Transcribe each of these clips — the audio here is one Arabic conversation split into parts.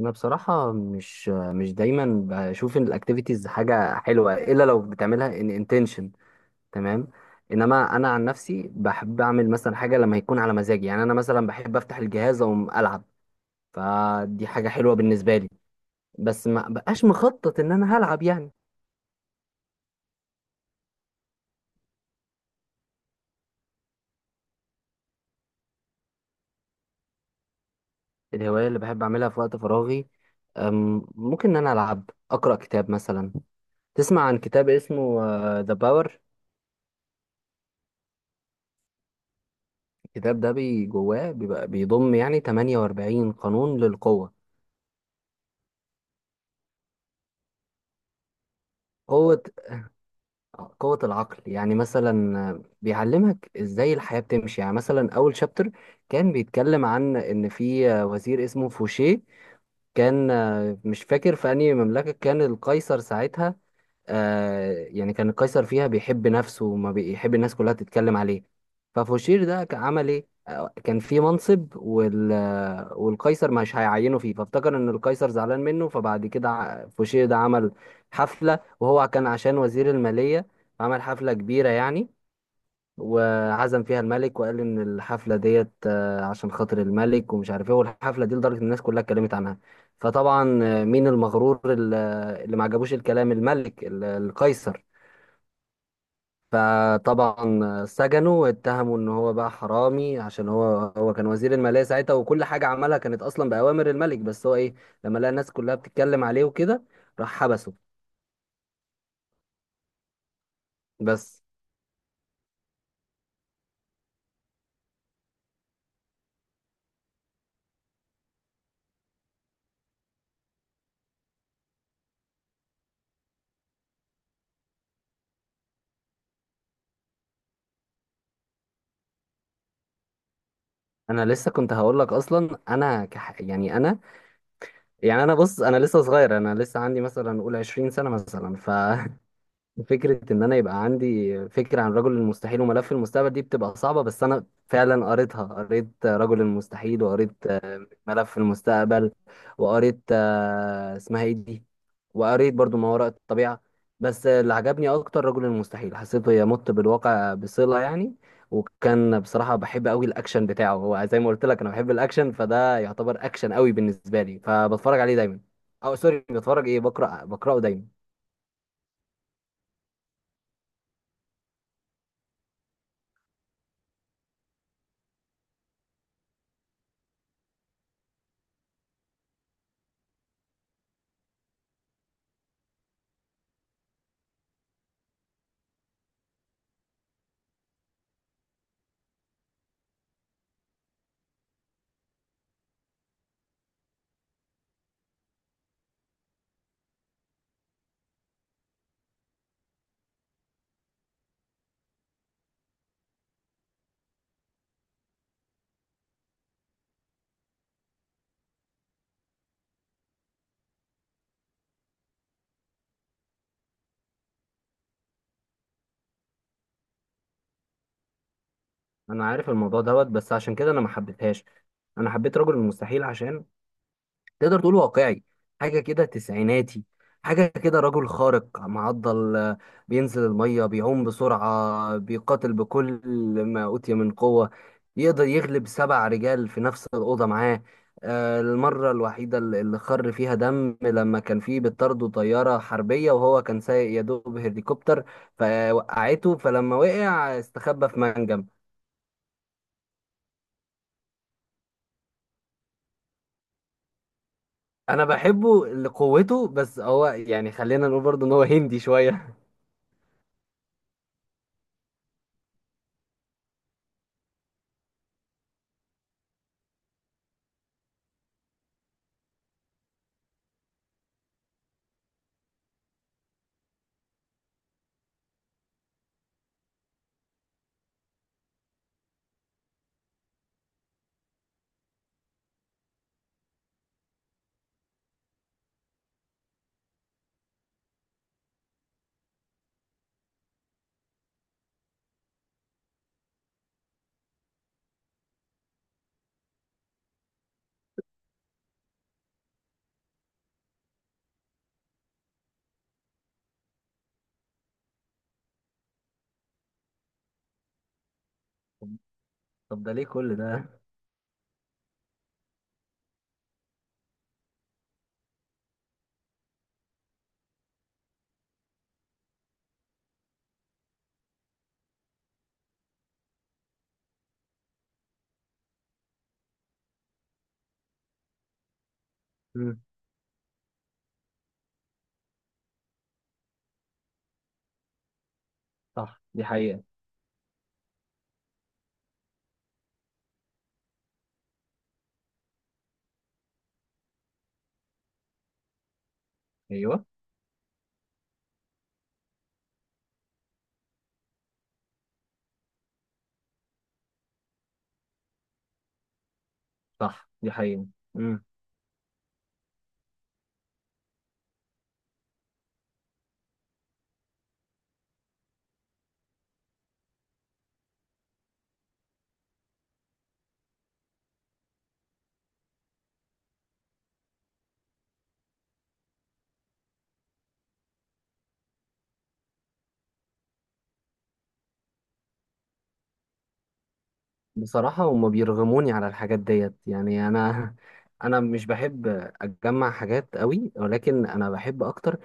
انا بصراحه مش دايما بشوف ان الاكتيفيتيز حاجه حلوه الا لو بتعملها ان انتنشن. تمام. انما انا عن نفسي بحب اعمل مثلا حاجه لما يكون على مزاجي، يعني انا مثلا بحب افتح الجهاز واقوم العب، فدي حاجه حلوه بالنسبه لي، بس ما بقاش مخطط ان انا هلعب يعني. الهوايه اللي بحب اعملها في وقت فراغي، ممكن ان انا العب اقرا كتاب مثلا. تسمع عن كتاب اسمه ذا باور؟ الكتاب ده بي جواه بيبقى بيضم يعني 48 قانون للقوه. قوة، قوة العقل. يعني مثلا بيعلمك ازاي الحياة بتمشي. يعني مثلا أول شابتر كان بيتكلم عن إن في وزير اسمه فوشيه، كان، مش فاكر في أنهي مملكة كان القيصر ساعتها. آه، يعني كان قيصر فيها بيحب نفسه وما بيحب الناس كلها تتكلم عليه. ففوشير ده كان عمل ايه؟ كان في منصب وال والقيصر مش هيعينه فيه، فافتكر ان القيصر زعلان منه. فبعد كده فوشير ده عمل حفلة، وهو كان عشان وزير المالية، عمل حفلة كبيرة يعني. وعزم فيها الملك وقال ان الحفله ديت عشان خاطر الملك ومش عارف ايه. والحفله دي لدرجه إن الناس كلها اتكلمت عنها. فطبعا، مين المغرور اللي اللي ما عجبوش الكلام؟ الملك القيصر. فطبعا سجنه واتهموا ان هو بقى حرامي، عشان هو، هو كان وزير الماليه ساعتها، وكل حاجه عملها كانت اصلا باوامر الملك. بس هو ايه، لما لقى الناس كلها بتتكلم عليه وكده، راح حبسه. بس انا لسه كنت هقول لك اصلا، انا يعني انا، يعني انا بص، انا لسه صغير، انا لسه عندي مثلا قول 20 سنه مثلا، ففكره ان انا يبقى عندي فكره عن رجل المستحيل وملف المستقبل دي بتبقى صعبه. بس انا فعلا قريتها، قريت رجل المستحيل، وقريت ملف في المستقبل، وقريت اسمها ايه دي، وقريت برضو ما وراء الطبيعة. بس اللي عجبني اكتر رجل المستحيل، حسيته يمت بالواقع بصلة يعني. وكان بصراحة بحب قوي الاكشن بتاعه، هو زي ما قلت لك انا بحب الاكشن، فده يعتبر اكشن قوي بالنسبة لي، فبتفرج عليه دايما، او سوري بتفرج ايه، بقرأ، بقرأه دايما. انا عارف الموضوع دوت، بس عشان كده انا ما حبيتهاش. انا حبيت رجل المستحيل عشان، تقدر تقول واقعي، حاجة كده تسعيناتي، حاجة كده رجل خارق معضل. بينزل المية، بيعوم بسرعة، بيقاتل بكل ما أوتي من قوة، يقدر يغلب سبع رجال في نفس الأوضة معاه. المرة الوحيدة اللي خر فيها دم لما كان فيه بتطارده طيارة حربية، وهو كان سايق يا دوب هليكوبتر، فوقعته، فلما وقع استخبى في منجم. أنا بحبه لقوته، بس هو يعني خلينا نقول برضه إن هو هندي شوية. طب ده ليه كل ده؟ مم. صح، دي حقيقة. ايوه، صح، دي حقيقة. مم. بصراحة هما بيرغموني على الحاجات ديت، يعني انا انا مش بحب اتجمع حاجات قوي، ولكن انا بحب اكتر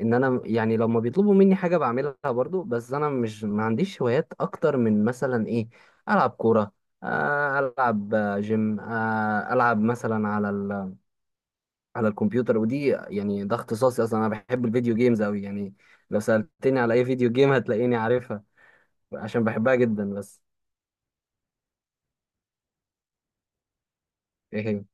ان انا يعني لما بيطلبوا مني حاجة بعملها برضو. بس انا مش، ما عنديش هوايات اكتر من مثلا ايه، العب كورة، العب جيم، العب مثلا على على الكمبيوتر، ودي يعني ده اختصاصي اصلا، انا بحب الفيديو جيمز قوي يعني. لو سألتني على اي فيديو جيم هتلاقيني عارفها عشان بحبها جدا. بس ايه هي؟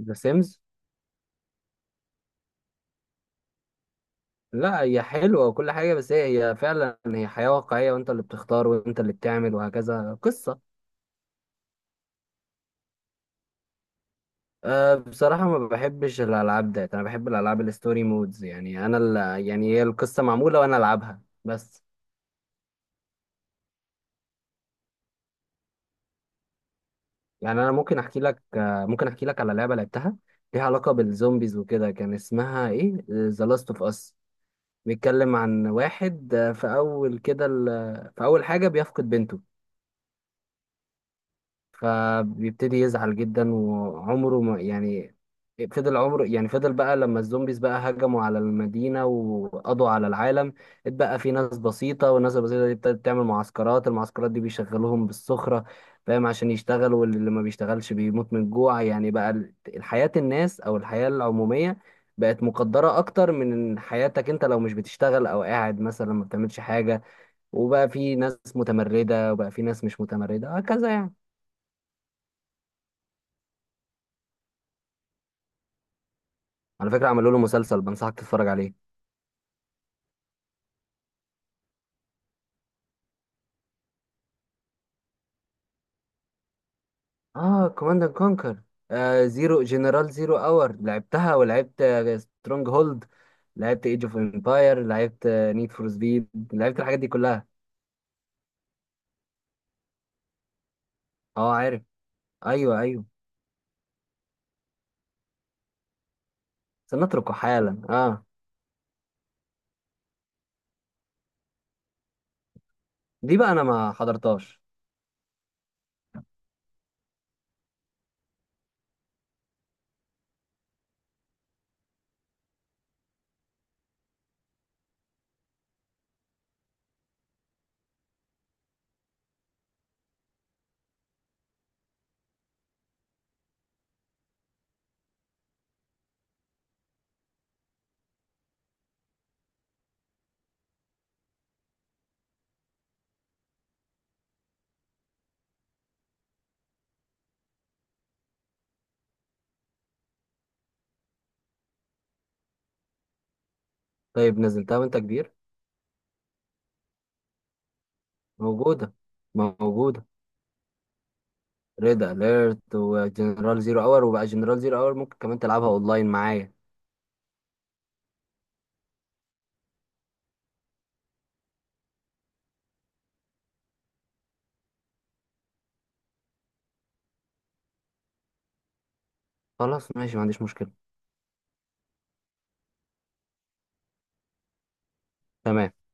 ذا سيمز. لا هي حلوة وكل حاجة، بس هي، هي فعلا هي حياة واقعية، وانت اللي بتختار وانت اللي بتعمل وهكذا قصة. أه بصراحة ما بحبش الألعاب ده، أنا بحب الألعاب الستوري مودز، يعني أنا اللي يعني هي القصة معمولة وأنا ألعبها بس. يعني انا ممكن احكي لك، ممكن احكي لك على لعبه لعبتها، ليها علاقه بالزومبيز وكده، كان اسمها ايه؟ ذا لاست اوف اس. بيتكلم عن واحد في اول كده في اول حاجه بيفقد بنته. فبيبتدي يزعل جدا وعمره ما يعني فضل عمره، يعني فضل بقى لما الزومبيز بقى هجموا على المدينة وقضوا على العالم. اتبقى في ناس بسيطة، والناس البسيطة دي ابتدت تعمل معسكرات، المعسكرات دي بيشغلوهم بالسخرة، فاهم؟ عشان يشتغلوا، واللي ما بيشتغلش بيموت من الجوع. يعني بقى الحياة الناس أو الحياة العمومية بقت مقدرة أكتر من حياتك أنت، لو مش بتشتغل أو قاعد مثلا ما بتعملش حاجة. وبقى في ناس متمردة وبقى في ناس مش متمردة هكذا يعني. على فكرة عملوا له مسلسل، بنصحك تتفرج عليه. اه، كوماند اند كونكر. آه زيرو، جنرال زيرو اور لعبتها، ولعبت سترونج هولد، لعبت ايج اوف امباير، لعبت نيد فور سبيد، لعبت الحاجات دي كلها. اه عارف. ايوه، ايوه. سنتركه حالا اه. دي بقى انا ما حضرتهاش. طيب نزلتها وانت كبير؟ موجودة، موجودة. ريد اليرت وجنرال زيرو اور، وبقى جنرال زيرو اور ممكن كمان تلعبها اونلاين معايا. خلاص ماشي، ما عنديش مشكلة. تمام.